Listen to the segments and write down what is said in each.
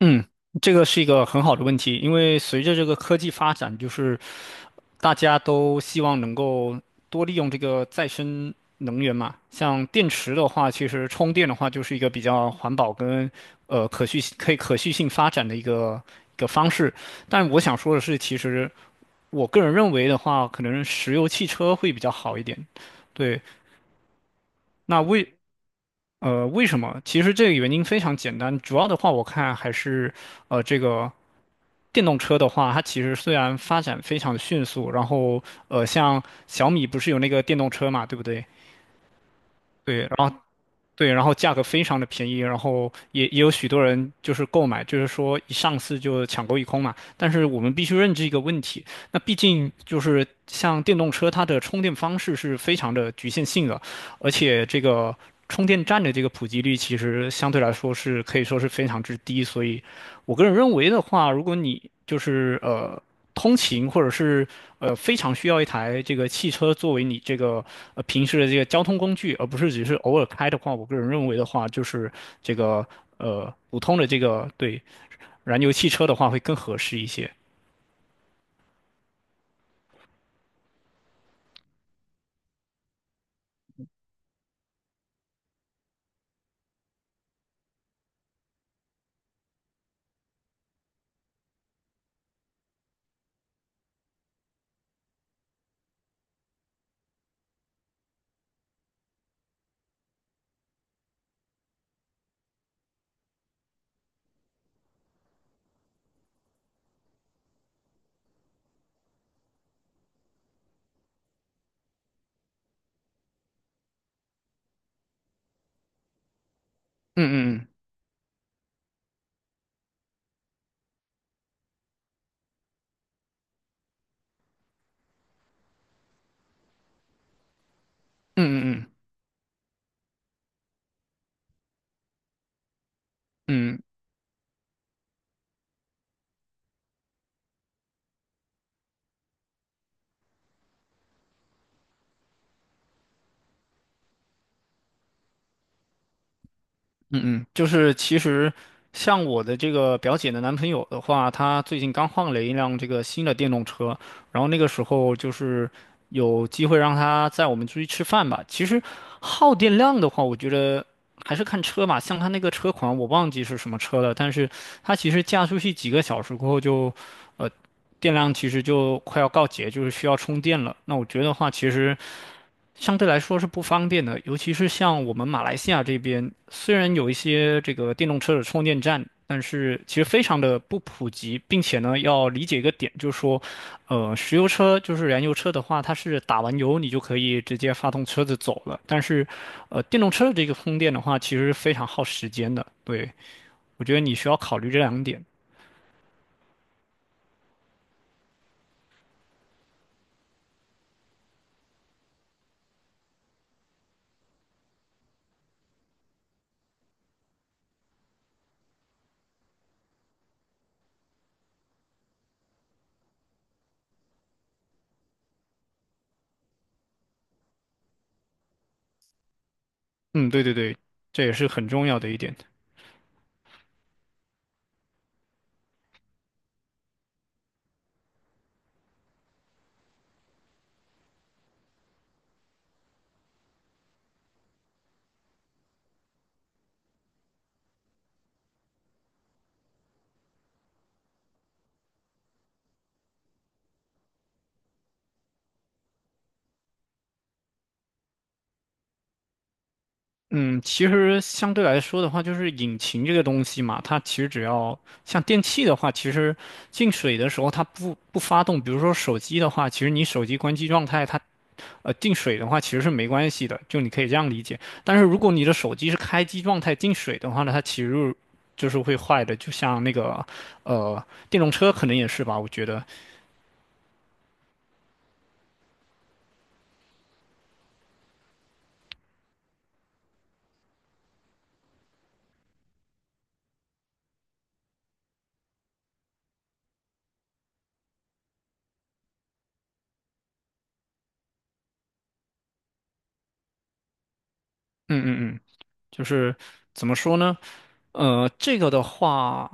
嗯，这个是一个很好的问题，因为随着这个科技发展，就是大家都希望能够多利用这个再生能源嘛。像电池的话，其实充电的话就是一个比较环保跟可续性发展的一个一个方式。但我想说的是，其实我个人认为的话，可能石油汽车会比较好一点。对，那为为什么？其实这个原因非常简单，主要的话我看还是，这个电动车的话，它其实虽然发展非常迅速，然后像小米不是有那个电动车嘛，对不对？对，然后对，然后价格非常的便宜，然后也有许多人就是购买，就是说一上市就抢购一空嘛。但是我们必须认知一个问题，那毕竟就是像电动车，它的充电方式是非常的局限性的，而且这个充电站的这个普及率其实相对来说是可以说是非常之低，所以我个人认为的话，如果你就是通勤或者是非常需要一台这个汽车作为你这个平时的这个交通工具，而不是只是偶尔开的话，我个人认为的话，就是这个普通的这个对燃油汽车的话会更合适一些。嗯嗯嗯嗯嗯嗯嗯。嗯嗯，就是其实像我的这个表姐的男朋友的话，他最近刚换了一辆这个新的电动车，然后那个时候就是有机会让他载我们出去吃饭吧。其实耗电量的话，我觉得还是看车吧，像他那个车款我忘记是什么车了，但是他其实驾出去几个小时过后就，呃，电量其实就快要告竭，就是需要充电了。那我觉得话，其实相对来说是不方便的，尤其是像我们马来西亚这边，虽然有一些这个电动车的充电站，但是其实非常的不普及，并且呢，要理解一个点，就是说，石油车就是燃油车的话，它是打完油你就可以直接发动车子走了，但是，电动车的这个充电的话，其实非常耗时间的。对，我觉得你需要考虑这两点。嗯，对对对，这也是很重要的一点。嗯，其实相对来说的话，就是引擎这个东西嘛，它其实只要像电器的话，其实进水的时候它不发动。比如说手机的话，其实你手机关机状态它进水的话其实是没关系的，就你可以这样理解。但是如果你的手机是开机状态进水的话呢，它其实就是会坏的，就像那个电动车可能也是吧，我觉得，嗯嗯嗯，就是怎么说呢？这个的话。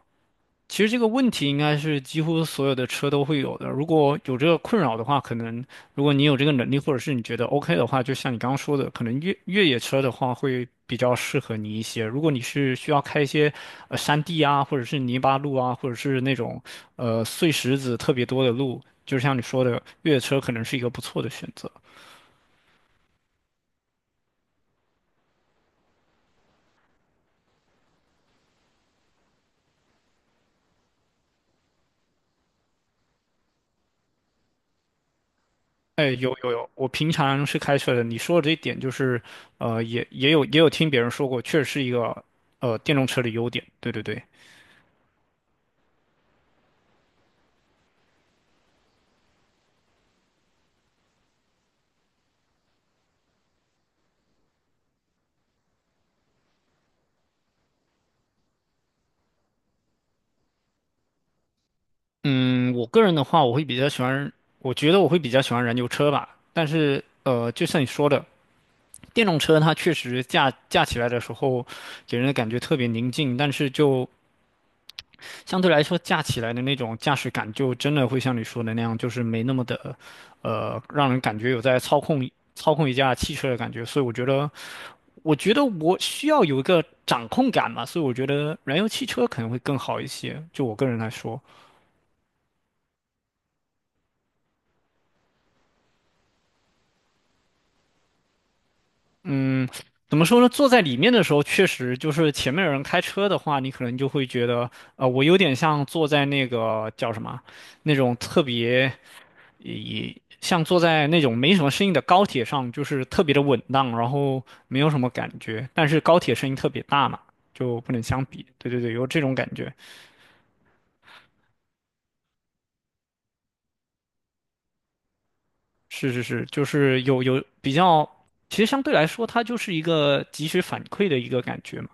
其实这个问题应该是几乎所有的车都会有的。如果有这个困扰的话，可能如果你有这个能力，或者是你觉得 OK 的话，就像你刚刚说的，可能越野车的话会比较适合你一些。如果你是需要开一些山地啊，或者是泥巴路啊，或者是那种碎石子特别多的路，就像你说的，越野车可能是一个不错的选择。哎，有有有，我平常是开车的。你说的这一点就是，也有听别人说过，确实是一个电动车的优点。对对对。嗯，我个人的话，我会比较喜欢，我觉得我会比较喜欢燃油车吧。但是，就像你说的，电动车它确实驾起来的时候，给人的感觉特别宁静，但是就相对来说驾起来的那种驾驶感，就真的会像你说的那样，就是没那么的，让人感觉有在操控一架汽车的感觉。所以我觉得，我觉得我需要有一个掌控感嘛，所以我觉得燃油汽车可能会更好一些，就我个人来说。嗯，怎么说呢？坐在里面的时候，确实就是前面有人开车的话，你可能就会觉得，我有点像坐在那个叫什么，那种特别，也像坐在那种没什么声音的高铁上，就是特别的稳当，然后没有什么感觉。但是高铁声音特别大嘛，就不能相比。对对对，有这种感觉。是是是，就是有有比较，其实相对来说，它就是一个及时反馈的一个感觉嘛。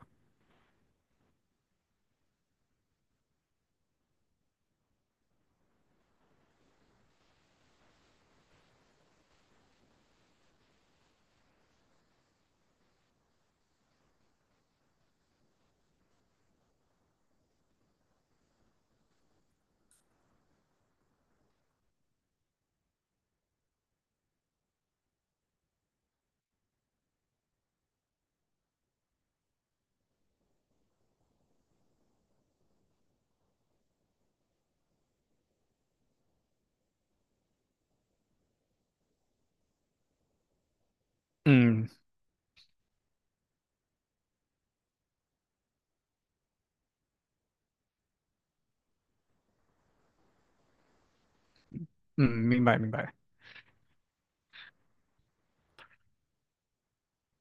嗯嗯，明白明白。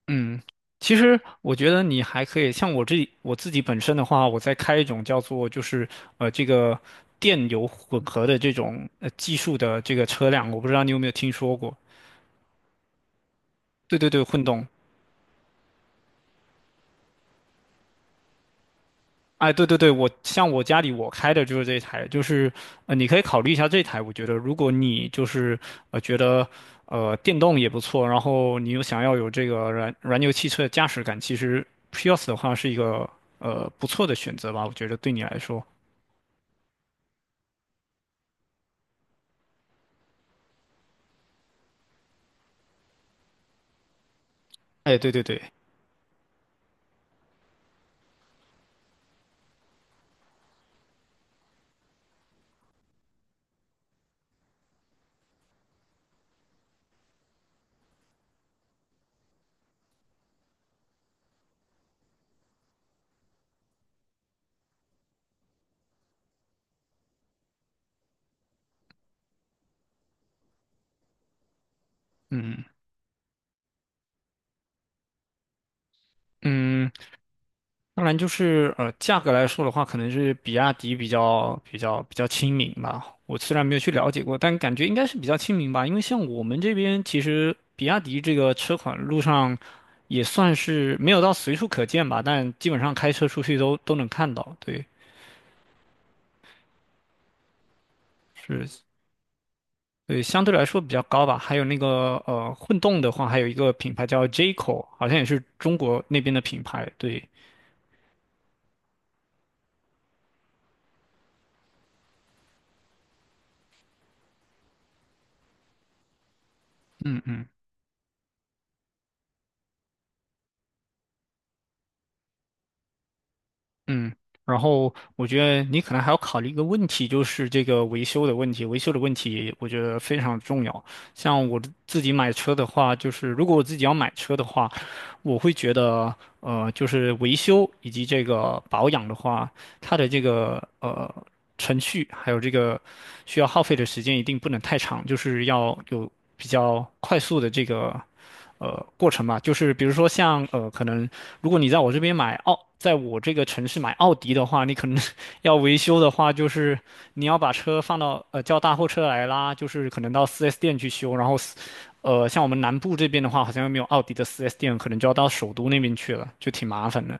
嗯，其实我觉得你还可以，像我我自己本身的话，我在开一种叫做就是这个电油混合的这种技术的这个车辆，我不知道你有没有听说过？对对对，混动。哎，对对对，我像我家里我开的就是这台，就是你可以考虑一下这台，我觉得如果你就是觉得电动也不错，然后你又想要有这个燃油汽车的驾驶感，其实 Prius 的话是一个不错的选择吧，我觉得对你来说。哎，对对对，嗯嗯，当然就是价格来说的话，可能是比亚迪比较亲民吧。我虽然没有去了解过，但感觉应该是比较亲民吧。因为像我们这边，其实比亚迪这个车款路上也算是没有到随处可见吧，但基本上开车出去都能看到。对，是，对，相对来说比较高吧。还有那个混动的话，还有一个品牌叫 J-Co,好像也是中国那边的品牌。对。嗯，然后我觉得你可能还要考虑一个问题，就是这个维修的问题。维修的问题，我觉得非常重要。像我自己买车的话，就是如果我自己要买车的话，我会觉得，就是维修以及这个保养的话，它的这个程序还有这个需要耗费的时间一定不能太长，就是要有比较快速的这个过程嘛。就是比如说像可能如果你在我这边在我这个城市买奥迪的话，你可能 要维修的话，就是你要把车放到叫大货车来拉，就是可能到 4S 店去修，然后四呃，像我们南部这边的话，好像又没有奥迪的 4S 店，可能就要到首都那边去了，就挺麻烦的。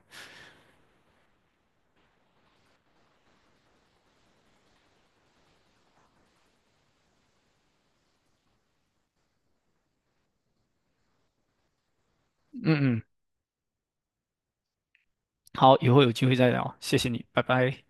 嗯嗯，好，以后有机会再聊，谢谢你，拜拜。